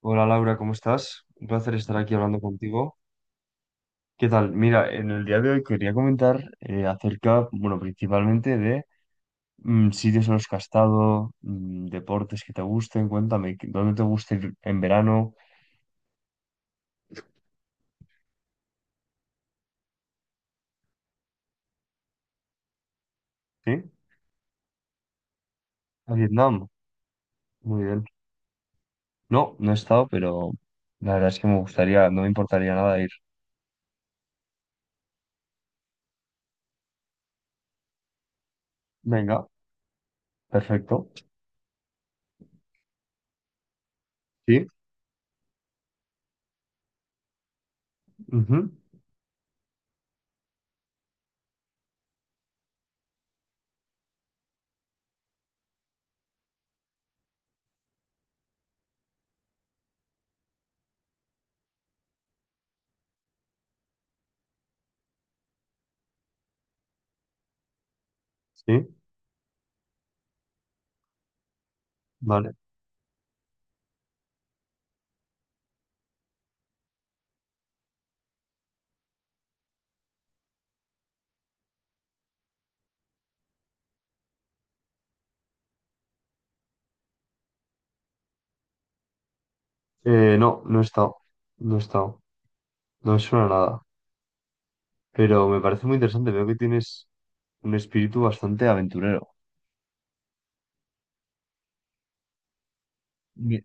Hola Laura, ¿cómo estás? Un placer estar aquí hablando contigo. ¿Qué tal? Mira, en el día de hoy quería comentar acerca, bueno, principalmente de sitios en los que has estado, deportes que te gusten, cuéntame, ¿dónde te gusta ir en verano? ¿Sí? A Vietnam. Muy bien. No, no he estado, pero la verdad es que me gustaría, no me importaría nada ir. Venga, perfecto. Sí, ujú, sí, vale. No, no he estado, no me suena nada, pero me parece muy interesante, veo que tienes un espíritu bastante aventurero. Mi-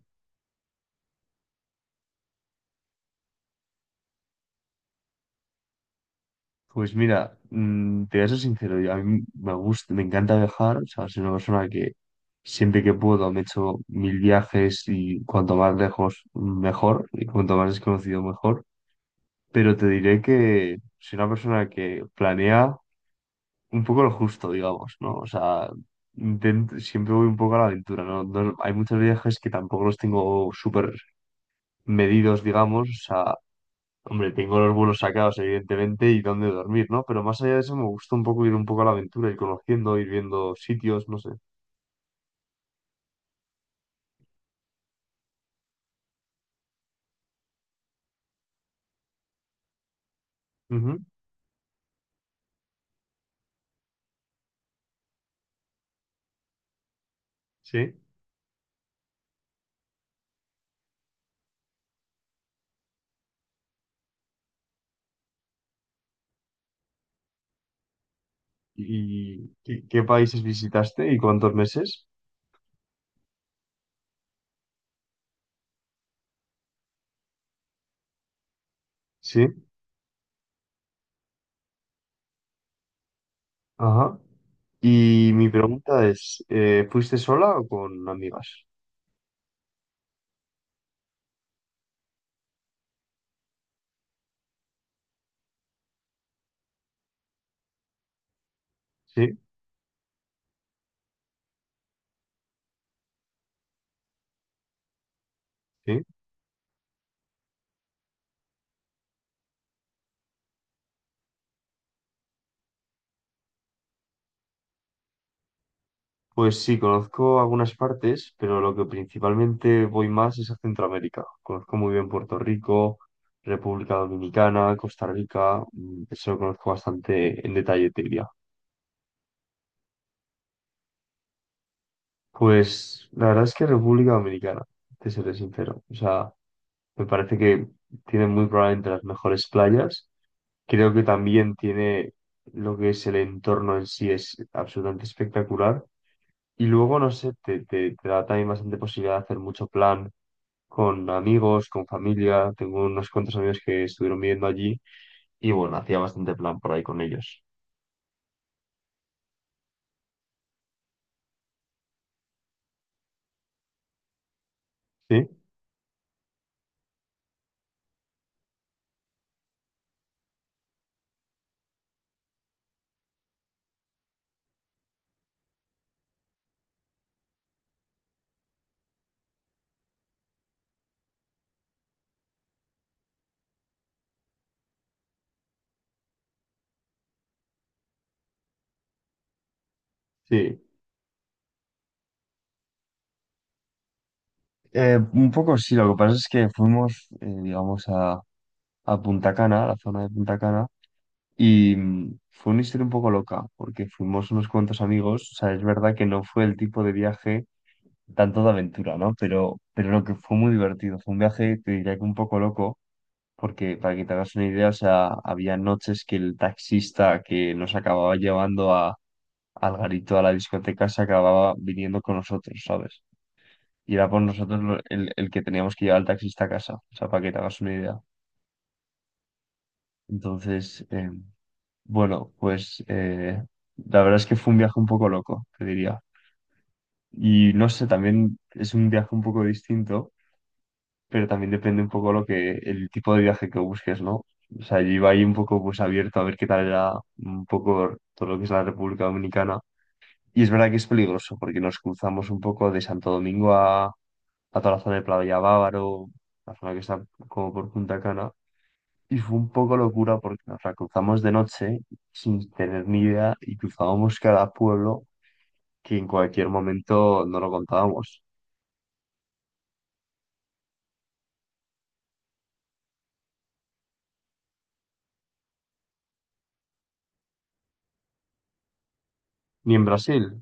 Pues mira, te voy a ser sincero, a mí me gusta, me encanta viajar, o sea, soy una persona que siempre que puedo me echo mil viajes y cuanto más lejos mejor y cuanto más desconocido mejor, pero te diré que soy una persona que planea un poco lo justo, digamos, ¿no? O sea, siempre voy un poco a la aventura, ¿no? Hay muchos viajes que tampoco los tengo súper medidos, digamos, o sea, hombre, tengo los vuelos sacados, evidentemente, y dónde dormir, ¿no? Pero más allá de eso, me gusta un poco ir un poco a la aventura, ir conociendo, ir viendo sitios, no sé. Ujú, sí. ¿Y qué países visitaste y cuántos meses? Sí. Ajá. Y mi pregunta es, ¿fuiste sola o con amigas? Sí, sí. Pues sí, conozco algunas partes, pero lo que principalmente voy más es a Centroamérica. Conozco muy bien Puerto Rico, República Dominicana, Costa Rica, eso lo conozco bastante en detalle, te diría. Pues la verdad es que República Dominicana, te seré sincero. O sea, me parece que tiene muy probablemente las mejores playas. Creo que también tiene lo que es el entorno en sí, es absolutamente espectacular. Y luego, no sé, te da también bastante posibilidad de hacer mucho plan con amigos, con familia. Tengo unos cuantos amigos que estuvieron viviendo allí y bueno, hacía bastante plan por ahí con ellos. Sí, sí. Un poco sí, lo que pasa es que fuimos, digamos, a Punta Cana, a la zona de Punta Cana, y fue una historia un poco loca, porque fuimos unos cuantos amigos, o sea, es verdad que no fue el tipo de viaje tanto de aventura, ¿no? Pero lo que fue muy divertido, fue un viaje, te diría que un poco loco, porque para que te hagas una idea, o sea, había noches que el taxista que nos acababa llevando al garito, a la discoteca, se acababa viniendo con nosotros, ¿sabes? Y era por nosotros el que teníamos que llevar al taxista a casa, o sea, para que te hagas una idea. Entonces, bueno, pues la verdad es que fue un viaje un poco loco, te diría. Y no sé, también es un viaje un poco distinto, pero también depende un poco el tipo de viaje que busques, ¿no? O sea, yo iba ahí un poco pues abierto a ver qué tal era un poco todo lo que es la República Dominicana. Y es verdad que es peligroso porque nos cruzamos un poco de Santo Domingo a toda la zona de Playa Bávaro, la zona que está como por Punta Cana. Y fue un poco locura porque nos la cruzamos de noche sin tener ni idea y cruzábamos cada pueblo que en cualquier momento no lo contábamos. Ni en Brasil.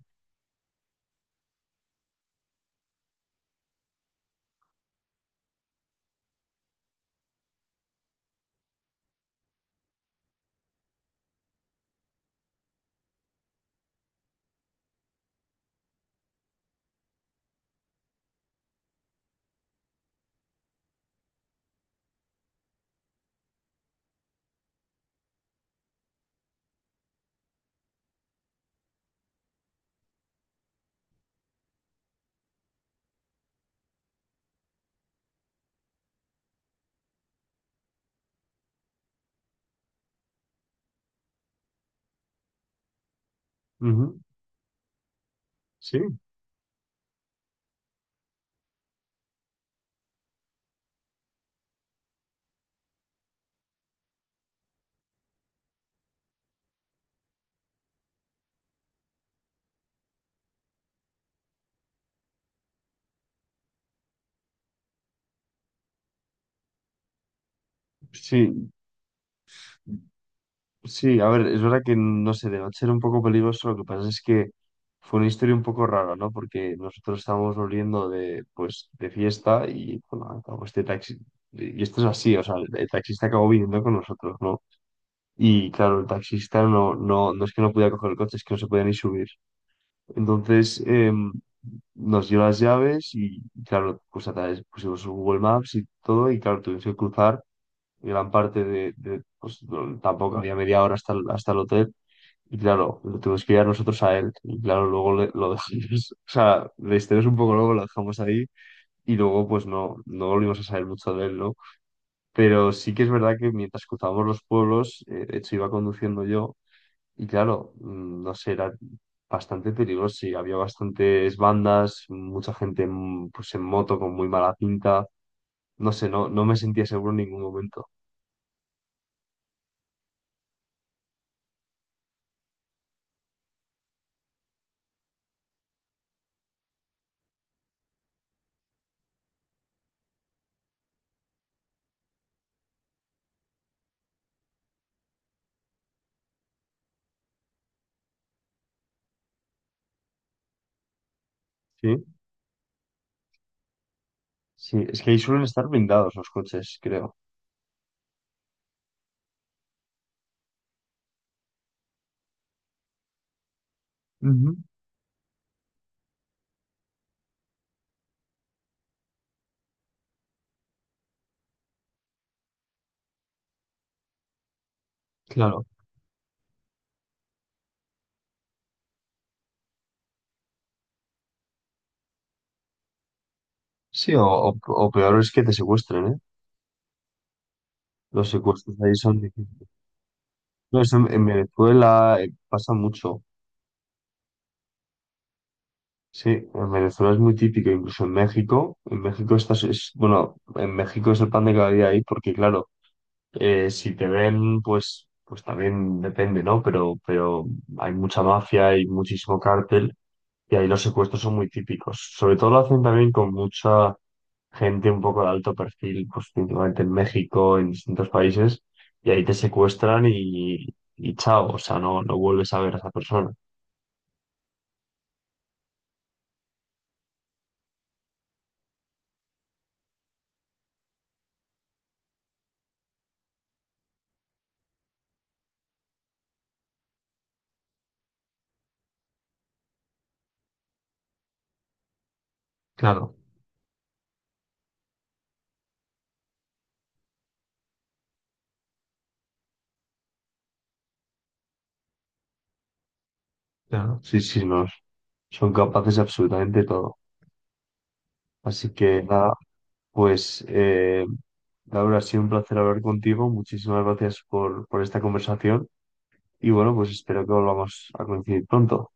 Ujú. Sí, sí. Sí, a ver, es verdad que no sé, de noche era un poco peligroso, lo que pasa es que fue una historia un poco rara, ¿no? Porque nosotros estábamos volviendo de, pues, de fiesta y, bueno, acabó este taxi, y esto es así, o sea, el taxista acabó viniendo con nosotros, ¿no? Y claro, el taxista no es que no podía coger el coche, es que no se podía ni subir. Entonces, nos dio las llaves y, claro, pues a través pusimos Google Maps y todo, y claro, tuvimos que cruzar gran parte pues, tampoco había media hora hasta hasta el hotel. Y claro, lo tuvimos que ir a nosotros a él. Y claro, luego lo dejamos, o sea, le estiramos un poco luego, lo dejamos ahí. Y luego, pues no, no volvimos a saber mucho de él, ¿no? Pero sí que es verdad que mientras cruzábamos los pueblos, de hecho iba conduciendo yo. Y claro, no sé, era bastante peligroso y había bastantes bandas, mucha gente pues en moto con muy mala pinta. No sé, no, no me sentía seguro en ningún momento. Sí, sí, es que ahí suelen estar blindados los coches, creo. Ujú. Claro. Sí, o- o peor es que te secuestren, ¿eh? Los secuestros ahí son difíciles. No, eso en Venezuela pasa mucho. Sí, en Venezuela es muy típico, incluso en México. En México estás, es, bueno, en México es el pan de cada día ahí, porque claro, si te ven, pues, pues también depende, ¿no? Pero hay mucha mafia, hay muchísimo cártel, y ahí los secuestros son muy típicos. Sobre todo lo hacen también con mucha gente un poco de alto perfil, pues principalmente en México, en distintos países, y ahí te secuestran y chao, o sea, no, no vuelves a ver a esa persona. Claro, claro. Sí, sí, no, son capaces de absolutamente todo. Así que nada, pues Laura, ha sido un placer hablar contigo, muchísimas gracias por esta conversación y bueno, pues espero que volvamos a coincidir pronto.